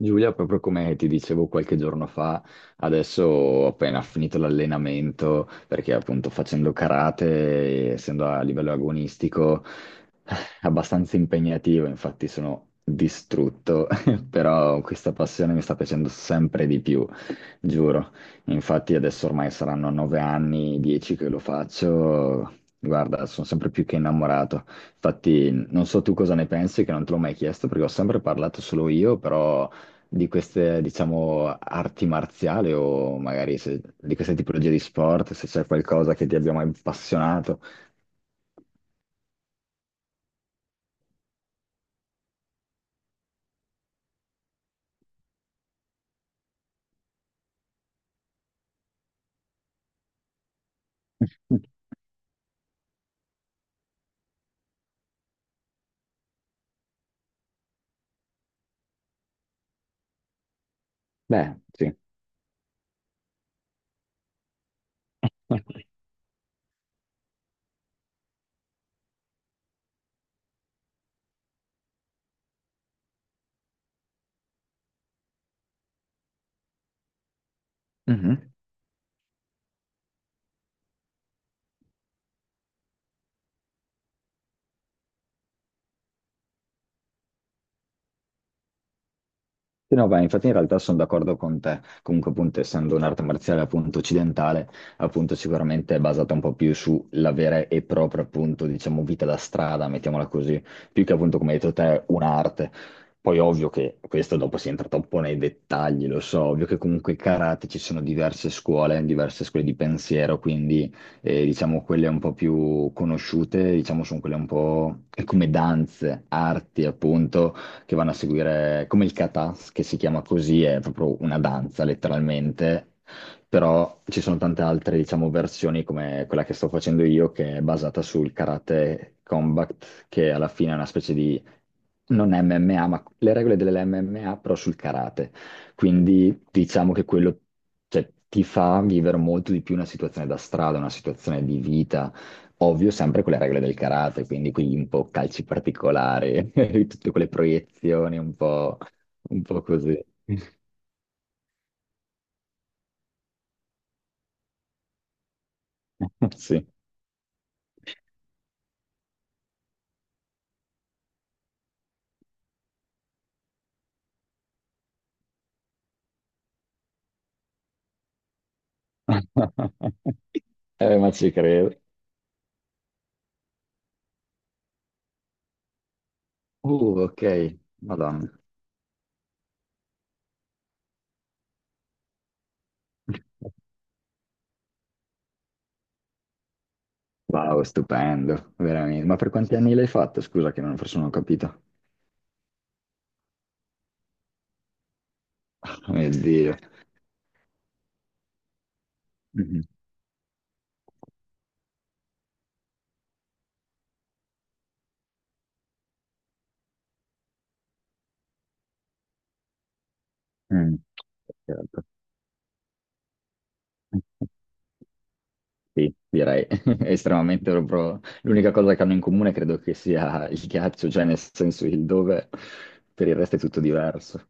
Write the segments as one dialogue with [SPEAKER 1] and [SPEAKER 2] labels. [SPEAKER 1] Giulia, proprio come ti dicevo qualche giorno fa, adesso ho appena finito l'allenamento perché appunto facendo karate, essendo a livello agonistico, è abbastanza impegnativo, infatti sono distrutto, però questa passione mi sta piacendo sempre di più. Giuro, infatti adesso ormai saranno 9 anni, 10 che lo faccio, guarda, sono sempre più che innamorato. Infatti non so tu cosa ne pensi, che non te l'ho mai chiesto perché ho sempre parlato solo io, però di queste, diciamo, arti marziali o magari di queste tipologie di sport, se c'è qualcosa che ti abbia mai appassionato. Beh, sì. Mhm. Sì, no, beh, infatti in realtà sono d'accordo con te. Comunque, appunto, essendo un'arte marziale appunto occidentale, appunto sicuramente è basata un po' più sulla vera e propria, appunto, diciamo, vita da strada, mettiamola così, più che appunto, come hai detto te, un'arte. Poi ovvio che questo dopo si entra troppo nei dettagli, lo so, ovvio che comunque il karate ci sono diverse scuole di pensiero, quindi diciamo quelle un po' più conosciute, diciamo sono quelle un po' come danze, arti appunto, che vanno a seguire come il kata, che si chiama così, è proprio una danza letteralmente, però ci sono tante altre, diciamo, versioni come quella che sto facendo io, che è basata sul karate combat, che alla fine è una specie di, non MMA, ma le regole dell'MMA, però sul karate. Quindi diciamo che quello, cioè, ti fa vivere molto di più una situazione da strada, una situazione di vita. Ovvio, sempre con le regole del karate, quindi qui un po' calci particolari, tutte quelle proiezioni un po' così. Sì. Ma ci credo. Ok, Madonna. Wow, stupendo, veramente. Ma per quanti anni l'hai fatto? Scusa che non, forse non ho capito. Oh, mio Dio. Mhm. Mm. Certo. Sì, direi estremamente proprio. L'unica cosa che hanno in comune credo che sia il ghiaccio, cioè nel senso il dove, per il resto è tutto diverso.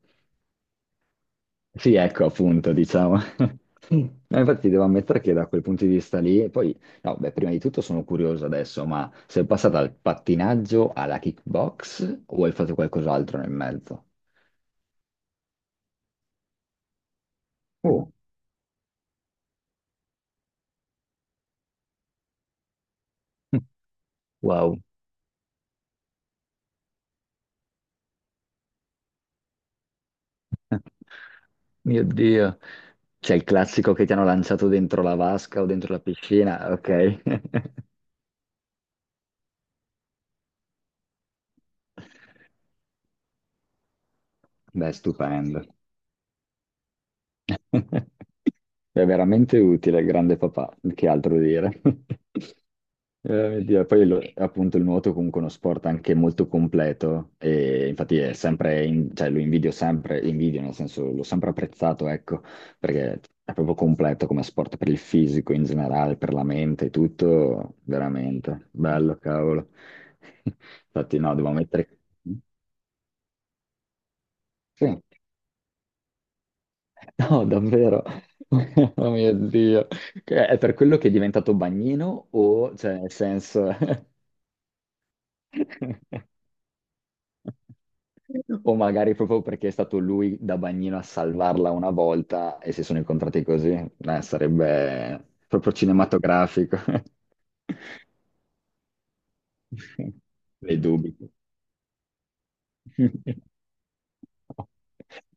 [SPEAKER 1] Sì, ecco appunto, diciamo. No, infatti devo ammettere che da quel punto di vista lì, e poi, no, beh, prima di tutto sono curioso adesso, ma sei passata dal pattinaggio alla kickbox o hai fatto qualcos'altro nel mezzo? Oh, wow. Mio Dio. C'è il classico che ti hanno lanciato dentro la vasca o dentro la piscina, ok. Beh, stupendo. È veramente utile, grande papà, che altro dire. Mio Dio. Poi appunto il nuoto è comunque uno sport anche molto completo e infatti è sempre, cioè lo invidio sempre, invidio nel senso l'ho sempre apprezzato, ecco, perché è proprio completo come sport per il fisico in generale, per la mente, tutto, veramente, bello, cavolo. Infatti no, devo mettere... Sì. No, davvero. Oh mio Dio. È per quello che è diventato bagnino o, cioè, nel senso... O magari proprio perché è stato lui da bagnino a salvarla una volta e si sono incontrati così. Sarebbe proprio cinematografico. Dei dubbi.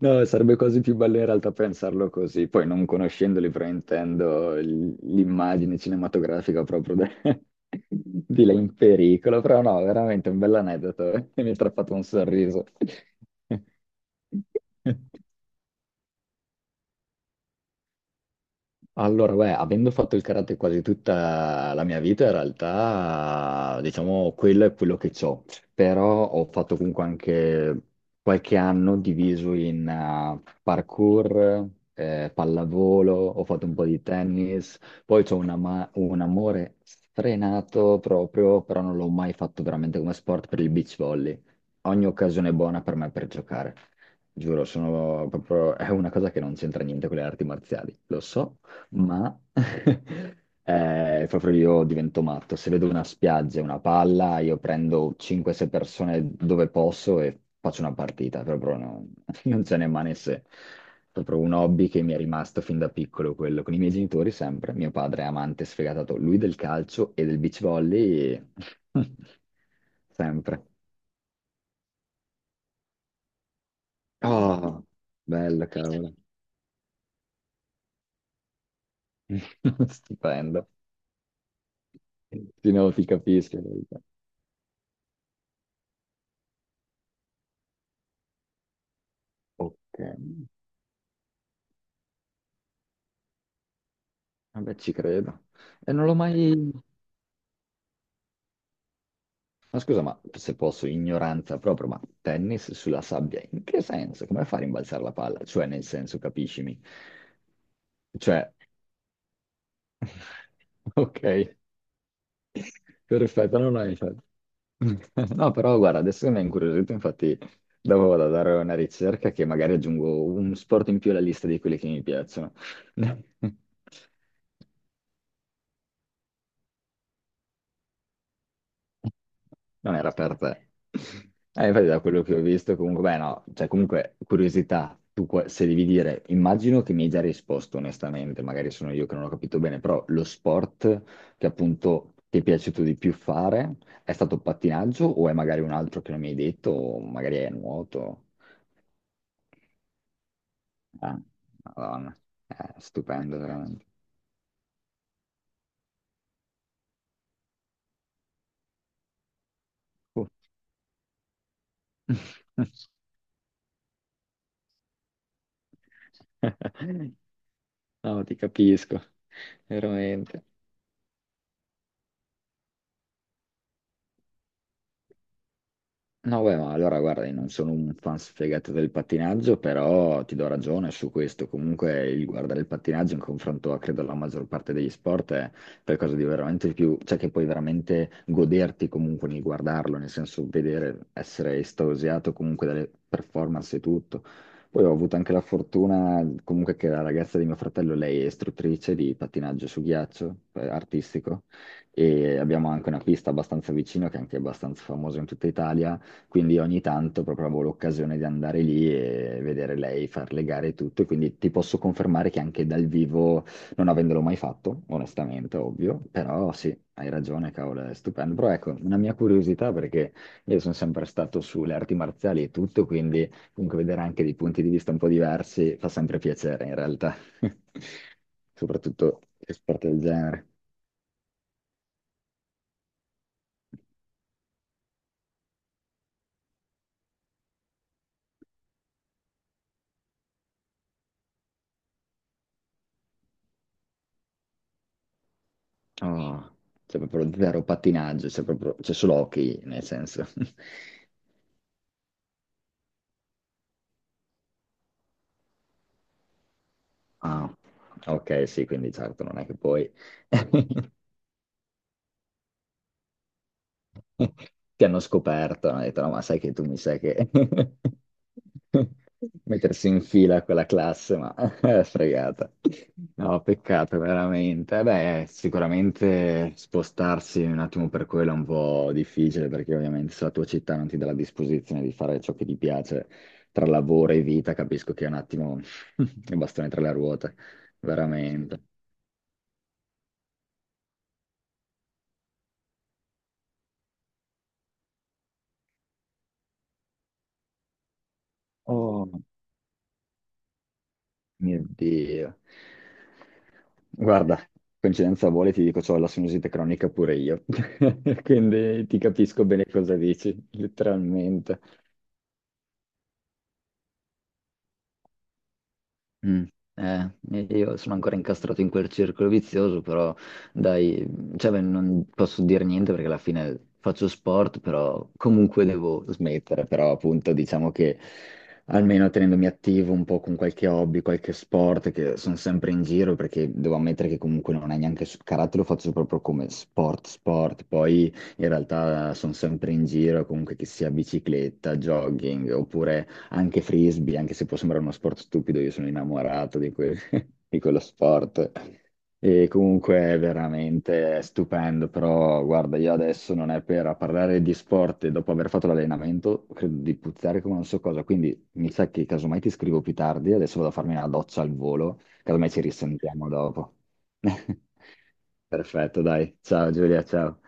[SPEAKER 1] No, sarebbe quasi più bello in realtà pensarlo così, poi non conoscendoli fraintendo l'immagine cinematografica proprio di lei in pericolo, però no, veramente un bell'aneddoto, mi ha fatto un sorriso. Allora, beh, avendo fatto il karate quasi tutta la mia vita, in realtà, diciamo, quello è quello che ho. Però ho fatto comunque anche qualche anno diviso in parkour, pallavolo, ho fatto un po' di tennis, poi ho un amore sfrenato proprio, però non l'ho mai fatto veramente come sport per il beach volley. Ogni occasione è buona per me per giocare. Giuro, sono proprio... è una cosa che non c'entra niente con le arti marziali, lo so, ma proprio io divento matto. Se vedo una spiaggia, una palla, io prendo 5-6 persone dove posso e faccio una partita. Proprio non, non ce n'è mani se. Proprio un hobby che mi è rimasto fin da piccolo, quello con i miei genitori sempre. Mio padre è amante sfegatato, lui del calcio e del beach volley, sempre. Oh, bello, cavolo. Stupendo. Sì, no, ti capisco. In verità. Ok. Vabbè, ci credo. E non l'ho mai... Ma scusa, ma se posso, ignoranza proprio, ma tennis sulla sabbia, in che senso? Come fare a rimbalzare la palla? Cioè, nel senso, capiscimi. Cioè, ok, perfetto, non hai fatto. No, però guarda, adesso mi ha incuriosito, infatti dopo vado a dare una ricerca che magari aggiungo un sport in più alla lista di quelli che mi piacciono. Non era per te. Infatti da quello che ho visto, comunque, beh no, cioè comunque curiosità, tu se devi dire, immagino che mi hai già risposto onestamente, magari sono io che non ho capito bene, però lo sport che appunto ti è piaciuto di più fare è stato pattinaggio o è magari un altro che non mi hai detto, o magari è nuoto? Ah, Madonna, è stupendo veramente. Uh. No, ti capisco, veramente. No, beh, ma allora guarda, io non sono un fan sfegato del pattinaggio, però ti do ragione su questo. Comunque il guardare il pattinaggio in confronto a, credo, alla maggior parte degli sport è qualcosa di veramente più, cioè che puoi veramente goderti comunque nel guardarlo, nel senso vedere, essere estasiato comunque dalle performance e tutto. Poi ho avuto anche la fortuna comunque che la ragazza di mio fratello, lei è istruttrice di pattinaggio su ghiaccio, artistico, e abbiamo anche una pista abbastanza vicina che è anche abbastanza famosa in tutta Italia quindi ogni tanto proprio avevo l'occasione di andare lì e vedere lei far le gare e tutto, e quindi ti posso confermare che anche dal vivo, non avendolo mai fatto, onestamente, ovvio, però sì, hai ragione, cavolo, è stupendo. Però ecco, una mia curiosità perché io sono sempre stato sulle arti marziali e tutto, quindi comunque vedere anche dei punti di vista un po' diversi fa sempre piacere in realtà, soprattutto sport del genere. Oh, c'è proprio zero pattinaggio, c'è proprio, c'è solo hockey, nel senso. Ah, ok, sì, quindi certo, non è che poi ti hanno scoperto, hanno detto, no, ma sai che tu mi sai che mettersi in fila a quella classe, ma è fregata. No, peccato, veramente. Eh, beh, sicuramente spostarsi un attimo per quello è un po' difficile, perché ovviamente se la tua città non ti dà la disposizione di fare ciò che ti piace tra lavoro e vita, capisco che è un attimo il bastone tra le ruote, veramente. Oh. Mio Dio. Guarda, coincidenza vuole, ti dico, c'ho la sinusite cronica pure io. Quindi ti capisco bene cosa dici, letteralmente. Mm, eh, io sono ancora incastrato in quel circolo vizioso, però dai, cioè, beh, non posso dire niente perché alla fine faccio sport, però comunque devo smettere, però appunto diciamo che almeno tenendomi attivo un po' con qualche hobby, qualche sport, che sono sempre in giro perché devo ammettere che comunque non è neanche karate, lo faccio proprio come sport, sport, poi in realtà sono sempre in giro, comunque che sia bicicletta, jogging oppure anche frisbee, anche se può sembrare uno sport stupido, io sono innamorato di, di quello sport. E comunque è veramente stupendo, però guarda, io adesso non è per a parlare di sport e dopo aver fatto l'allenamento, credo di puzzare come non so cosa, quindi mi sa che casomai ti scrivo più tardi, adesso vado a farmi una doccia al volo, casomai ci risentiamo dopo. Perfetto, dai, ciao Giulia, ciao.